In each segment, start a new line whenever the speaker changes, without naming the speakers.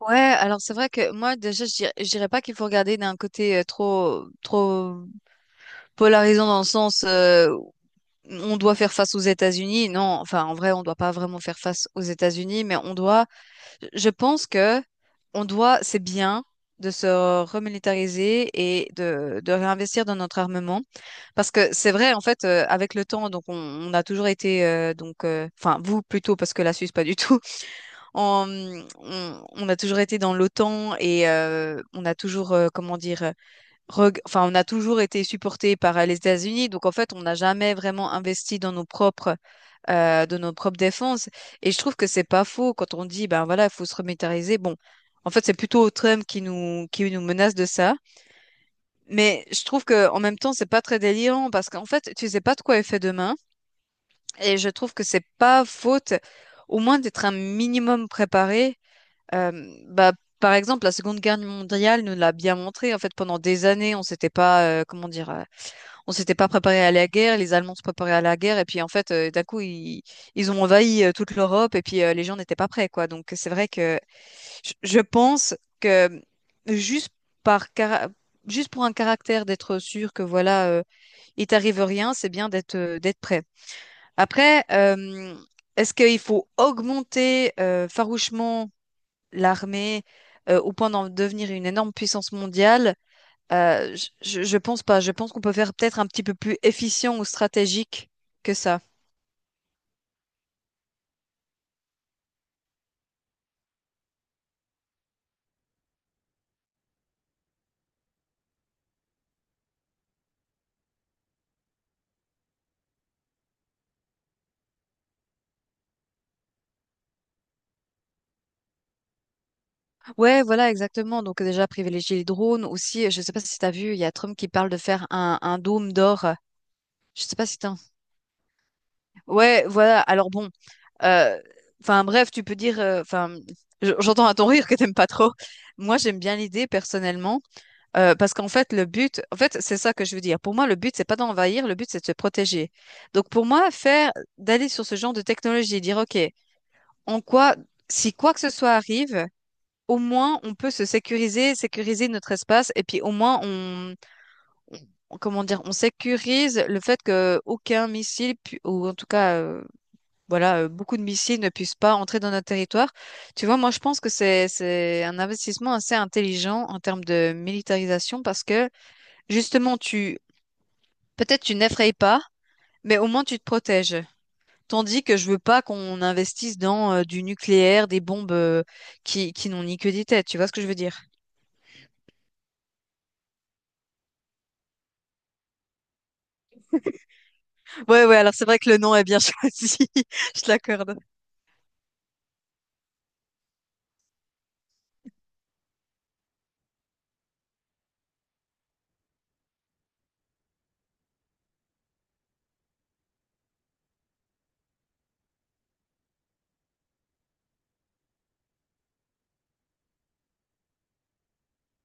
Ouais, alors c'est vrai que moi déjà je dirais pas qu'il faut regarder d'un côté trop polarisant dans le sens on doit faire face aux États-Unis. Non, enfin en vrai on doit pas vraiment faire face aux États-Unis, mais on doit. Je pense que on doit, c'est bien de se remilitariser et de réinvestir dans notre armement parce que c'est vrai en fait avec le temps donc on a toujours été enfin vous plutôt parce que la Suisse pas du tout en- on a toujours été dans l'OTAN et on a toujours, comment dire, enfin, on a toujours été supporté par les États-Unis. Donc, en fait, on n'a jamais vraiment investi dans nos propres, de nos propres défenses. Et je trouve que c'est pas faux quand on dit, ben voilà, il faut se remilitariser. Bon, en fait, c'est plutôt Trump qui nous menace de ça. Mais je trouve que en même temps, c'est pas très délirant parce qu'en fait, tu sais pas de quoi est fait demain. Et je trouve que c'est pas faute, au moins, d'être un minimum préparé bah, par exemple, la Seconde Guerre mondiale nous l'a bien montré. En fait, pendant des années, on s'était pas, comment dire, on s'était pas préparé à la guerre. Les Allemands se préparaient à la guerre, et puis en fait, d'un coup, ils ont envahi toute l'Europe, et puis les gens n'étaient pas prêts, quoi. Donc, c'est vrai que je pense que juste par cara- juste pour un caractère d'être sûr que voilà, il t'arrive rien, c'est bien d'être prêt. Après, est-ce qu'il faut augmenter farouchement l'armée au point d'en devenir une énorme puissance mondiale, je pense pas. Je pense qu'on peut faire peut-être un petit peu plus efficient ou stratégique que ça. Ouais, voilà, exactement. Donc déjà, privilégier les drones aussi. Je sais pas si tu as vu, il y a Trump qui parle de faire un dôme d'or. Je sais pas si t'as... Ouais, voilà. Alors bon, euh, enfin bref, tu peux dire... Enfin, j'entends à ton rire que t'aimes pas trop. Moi, j'aime bien l'idée personnellement. Parce qu'en fait, le but, en fait, c'est ça que je veux dire. Pour moi, le but, c'est pas d'envahir, le but, c'est de se protéger. Donc, pour moi, d'aller sur ce genre de technologie, dire, OK, en quoi, si quoi que ce soit arrive, au moins, on peut se sécuriser, sécuriser notre espace, et puis au moins, comment dire, on sécurise le fait que aucun ou en tout cas, voilà, beaucoup de missiles ne puissent pas entrer dans notre territoire. Tu vois, moi, je pense que c'est un investissement assez intelligent en termes de militarisation parce que justement, tu peut-être tu n'effraies pas, mais au moins tu te protèges. Tandis que je veux pas qu'on investisse dans du nucléaire, des bombes qui n'ont ni queue ni tête. Tu vois ce que je veux dire? Ouais, ouais. Alors c'est vrai que le nom est bien choisi. Je te l'accorde.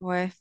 Ouais.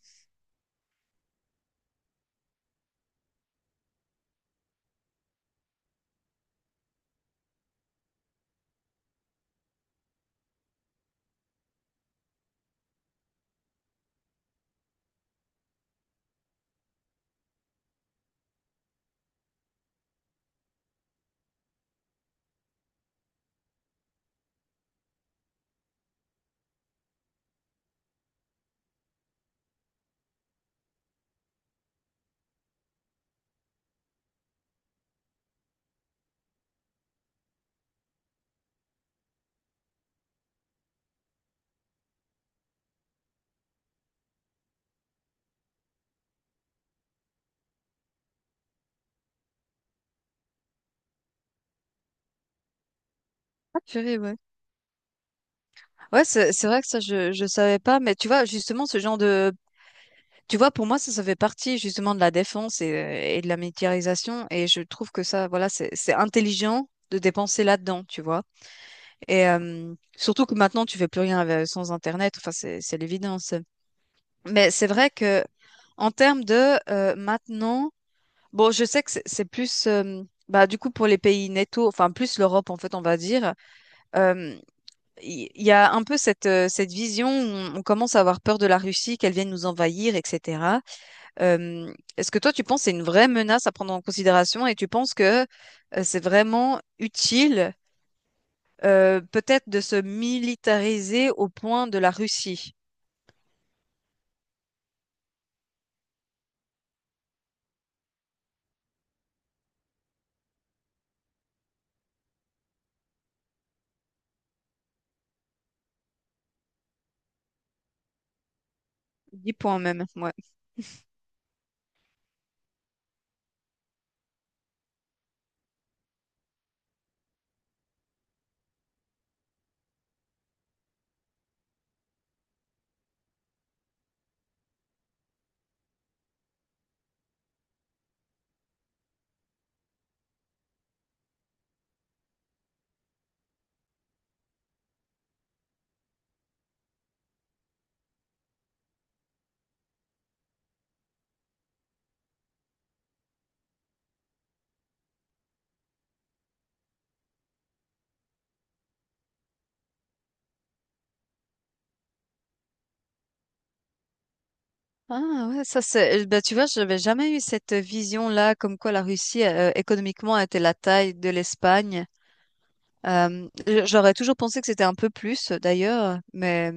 Ah, purée, ouais. Ouais, c'est vrai que ça je savais pas, mais tu vois justement ce genre de tu vois pour moi ça fait partie justement de la défense et de la militarisation et je trouve que ça voilà c'est intelligent de dépenser là-dedans, tu vois. Et surtout que maintenant, tu fais plus rien sans Internet. Enfin, c'est l'évidence. Mais c'est vrai que en termes de maintenant, bon, je sais que c'est plus, bah, du coup, pour les pays netto, enfin, plus l'Europe, en fait, on va dire, euh, il y, a un peu cette, cette vision où on commence à avoir peur de la Russie, qu'elle vienne nous envahir, etc. Euh, Est-ce que toi, tu penses que c'est une vraie menace à prendre en considération et tu penses que c'est vraiment utile? Peut-être de se militariser au point de la Russie. Dix points même, ouais. Ah ouais, ça c'est. Bah tu vois, j'avais jamais eu cette vision-là, comme quoi la Russie économiquement était la taille de l'Espagne. J'aurais toujours pensé que c'était un peu plus, d'ailleurs, mais.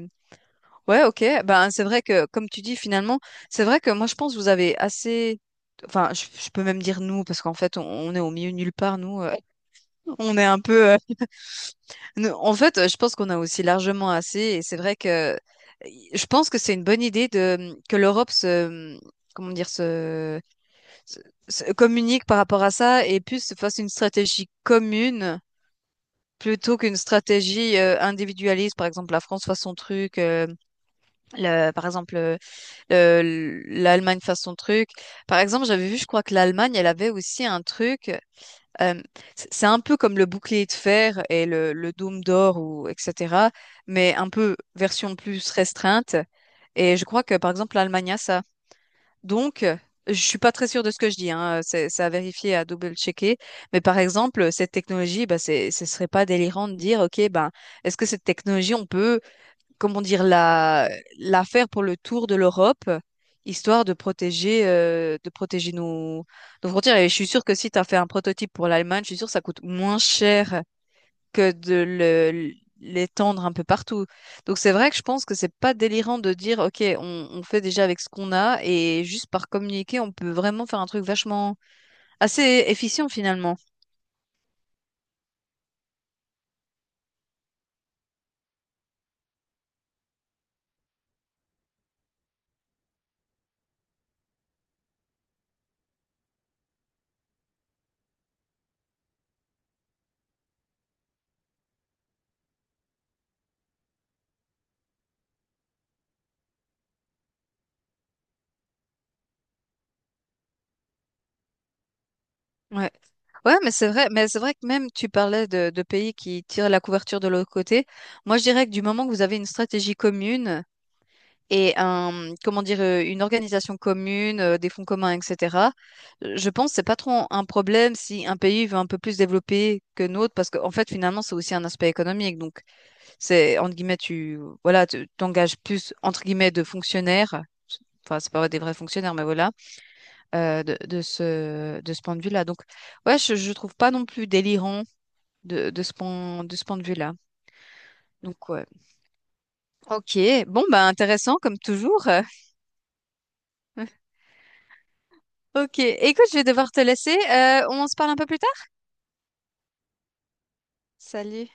Ouais, ok. Ben, c'est vrai que, comme tu dis, finalement, c'est vrai que moi, je pense que vous avez assez. Enfin, je peux même dire nous, parce qu'en fait, on est au milieu de nulle part, nous. On est un peu. En fait, je pense qu'on a aussi largement assez. Et c'est vrai que je pense que c'est une bonne idée de que l'Europe se. mmh, Comment dire, se- se communique par rapport à ça et plus se fasse une stratégie commune plutôt qu'une stratégie individualiste. Par exemple, la France fasse son truc. Par exemple. L'Allemagne fasse son truc. Par exemple, j'avais vu, je crois que l'Allemagne, elle avait aussi un truc. euh, c'est un peu comme le bouclier de fer et le dôme d'or ou etc. Mais un peu version plus restreinte. Et je crois que par exemple l'Allemagne a ça. Donc, je suis pas très sûre de ce que je dis. Hein. C'est à vérifier, à double-checker. Mais par exemple, cette technologie, bah, ce serait pas délirant de dire, ok, ben, est-ce que cette technologie, on peut comment dire, la faire pour le tour de l'Europe, histoire de protéger nos, nos frontières. Et je suis sûre que si tu as fait un prototype pour l'Allemagne, je suis sûre que ça coûte moins cher que de l'étendre un peu partout. Donc c'est vrai que je pense que c'est pas délirant de dire, OK, on fait déjà avec ce qu'on a et juste par communiquer, on peut vraiment faire un truc vachement assez efficient finalement. Ouais. Ouais, mais c'est vrai que même tu parlais de pays qui tirent la couverture de l'autre côté. Moi, je dirais que du moment que vous avez une stratégie commune et un, comment dire, une organisation commune, des fonds communs, etc., je pense que c'est pas trop un problème si un pays veut un peu plus développer que notre, parce qu'en fait, finalement, c'est aussi un aspect économique. Donc, entre guillemets, voilà, tu t'engages plus, entre guillemets, de fonctionnaires. Enfin, c'est pas des vrais fonctionnaires, mais voilà de ce point de vue-là. Donc, ouais, je trouve pas non plus délirant de ce de ce point de vue-là. Donc, ouais. Ok, bon, bah intéressant comme toujours. Ok, écoute, je vais devoir te laisser. On se parle un peu plus tard? Salut.